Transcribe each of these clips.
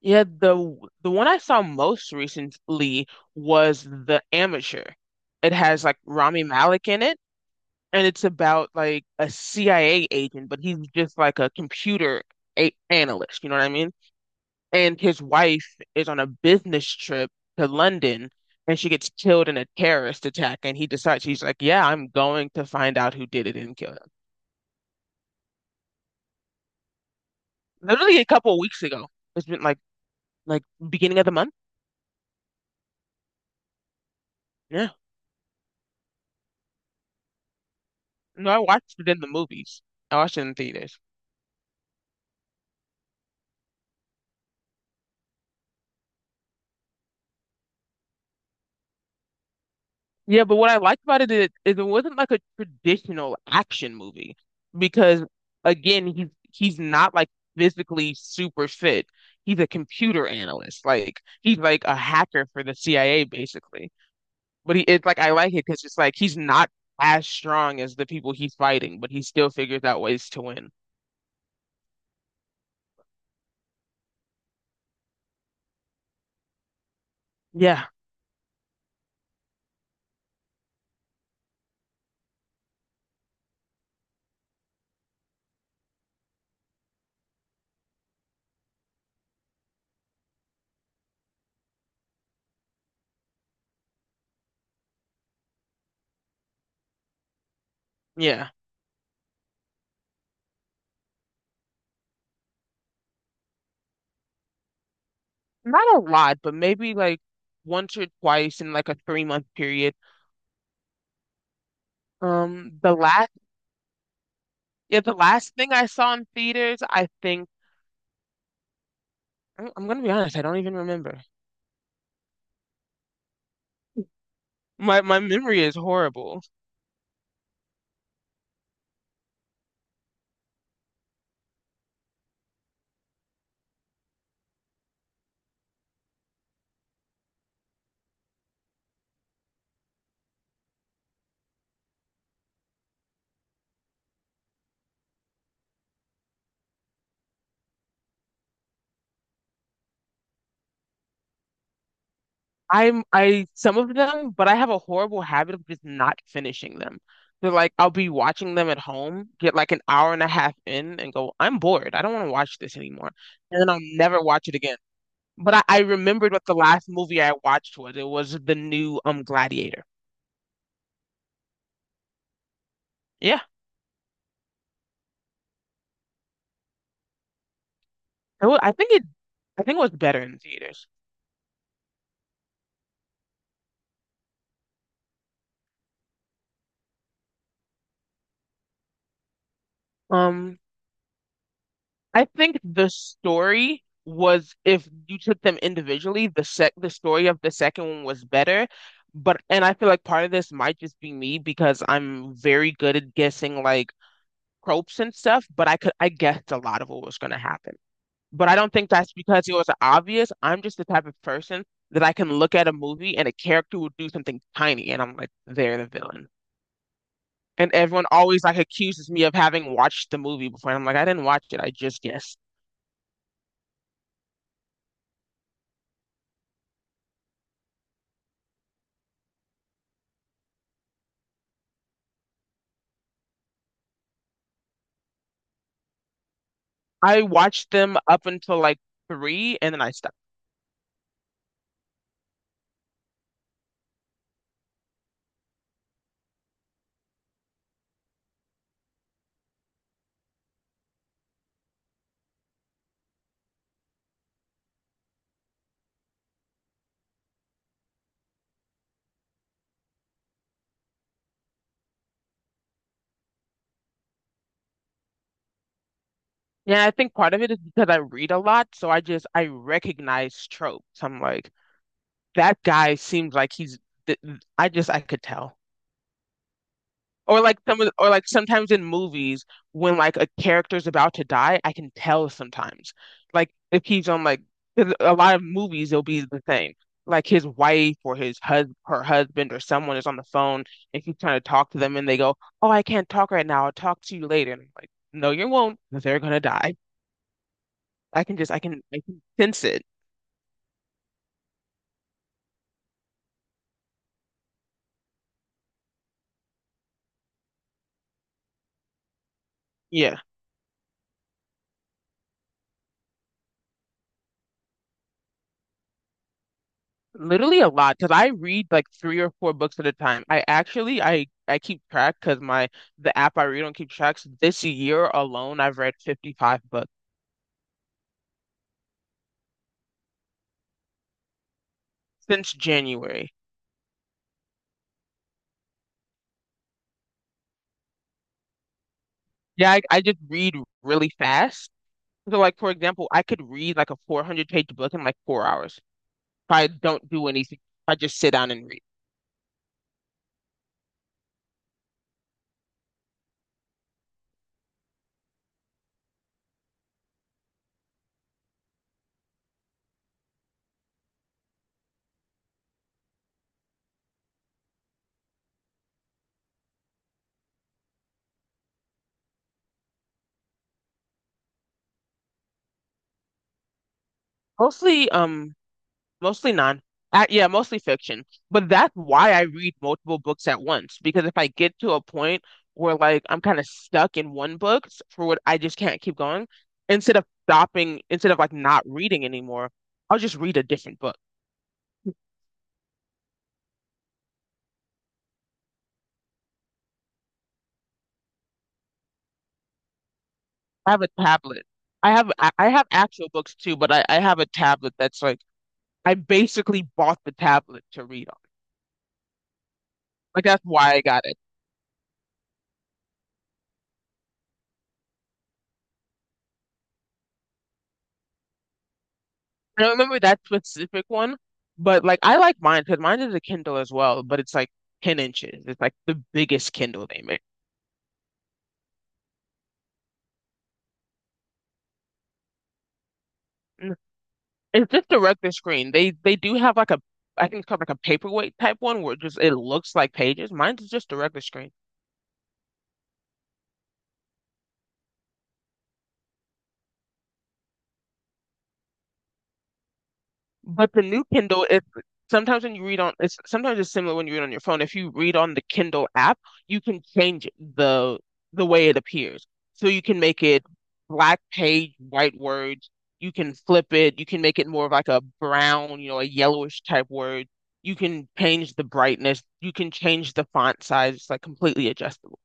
Yeah, the one I saw most recently was The Amateur. It has like Rami Malek in it, and it's about like a CIA agent, but he's just like a analyst, you know what I mean? And his wife is on a business trip to London, and she gets killed in a terrorist attack, and he decides he's like, yeah, I'm going to find out who did it and kill him. Literally a couple of weeks ago. It's been like like beginning of the month. Yeah. No, I watched it in the movies. I watched it in theaters. Yeah, but what I liked about it is it wasn't like a traditional action movie because again, he's not like physically super fit. He's a computer analyst. Like he's like a hacker for the CIA basically. But he it's like I like it because it's like he's not as strong as the people he's fighting, but he still figures out ways to win. Yeah, yeah. Not a lot, but maybe like once or twice in like a 3 month period. The last, yeah, the last thing I saw in theaters, I think I'm gonna be honest, I don't even remember. My memory is horrible. I some of them, but I have a horrible habit of just not finishing them. So like I'll be watching them at home, get like an hour and a half in, and go, I'm bored. I don't want to watch this anymore, and then I'll never watch it again. But I remembered what the last movie I watched was. It was the new Gladiator. Yeah, it wa- I think it, I think it was better in theaters. Um, I think the story was if you took them individually, the story of the second one was better. But and I feel like part of this might just be me because I'm very good at guessing like tropes and stuff, but I guessed a lot of what was gonna happen. But I don't think that's because it was obvious. I'm just the type of person that I can look at a movie and a character will do something tiny and I'm like, they're the villain. And everyone always like accuses me of having watched the movie before. And I'm like, I didn't watch it, I just guessed. I watched them up until like three and then I stopped. Yeah, I think part of it is because I read a lot, so I just I recognize tropes. I'm like, that guy seems like th- I just I could tell. Or like sometimes in movies when like a character's about to die, I can tell sometimes. Like if he's on like 'Cause a lot of movies, it'll be the same. Like his wife or his hus her husband or someone is on the phone and he's trying to talk to them and they go, "Oh, I can't talk right now. I'll talk to you later." And I'm like, "No, you will not 'cause they're gonna die. I can just I can sense it." Yeah. Literally a lot because I read like three or four books at a time. I actually I keep track because my the app I read on keep track. So this year alone, I've read 55 books since January. Yeah, I just read really fast. So like for example, I could read like a 400-page book in like 4 hours if I don't do anything. If I just sit down and read. Mostly Mostly non. Yeah, mostly fiction. But that's why I read multiple books at once because if I get to a point where like I'm kind of stuck in for what I just can't keep going, instead of stopping, instead of like not reading anymore, I'll just read a different book. I have a tablet. I have actual books too, but I have a tablet that's like I basically bought the tablet to read on. Like that's why I got it. I don't remember that specific one, but like I like mine because mine is a Kindle as well, but it's like 10 inches. It's like the biggest Kindle they make. Mm. It's just a regular screen. They do have like a I think it's called like a paperweight type one where it looks like pages. Mine's just a regular screen. But the new Kindle, if sometimes when you read on, it's sometimes it's similar when you read on your phone. If you read on the Kindle app, you can change the the way it appears. So you can make it black page, white words. You can flip it. You can make it more of like a brown, you know, a yellowish type word. You can change the brightness. You can change the font size. It's like completely adjustable.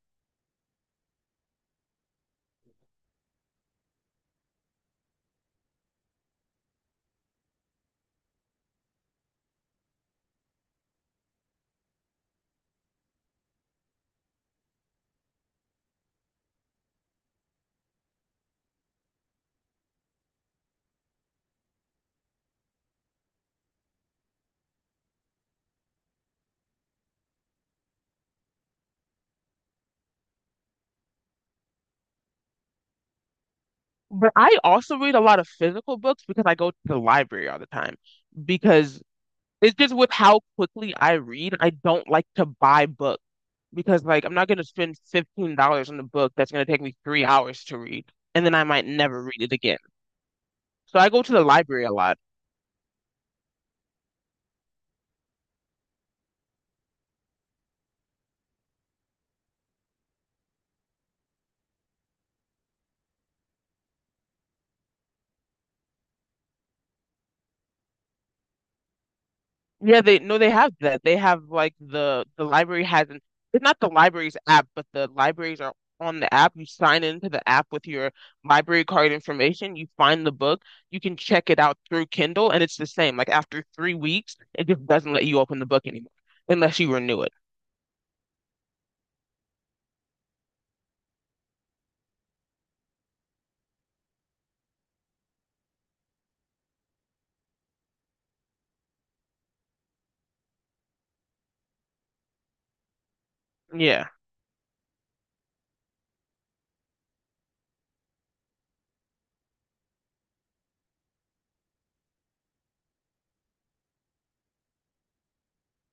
But I also read a lot of physical books because I go to the library all the time because it's just with how quickly I read, I don't like to buy books because like I'm not gonna spend $15 on a book that's gonna take me 3 hours to read, and then I might never read it again. So I go to the library a lot. Yeah, they no, they have that. They have like the library has an it's not the library's app, but the libraries are on the app. You sign into the app with your library card information. You find the book. You can check it out through Kindle, and it's the same. Like after 3 weeks, it just doesn't let you open the book anymore unless you renew it. Yeah.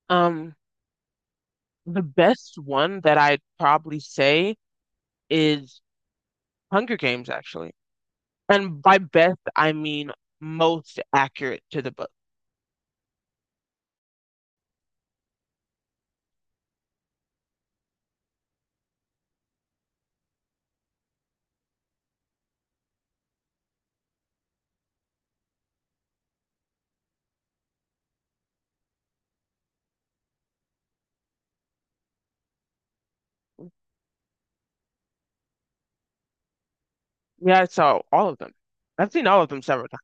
Um, the best one that I'd probably say is Hunger Games, actually. And by best, I mean most accurate to the book. Yeah, I saw all of them. I've seen all of them several times.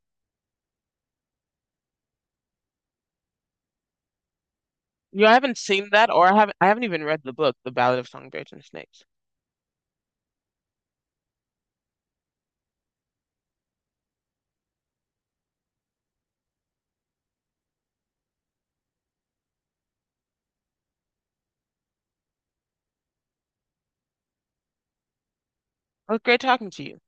You know, I haven't seen that, or I haven't. I haven't even read the book, The Ballad of Songbirds and Snakes. Well, great talking to you.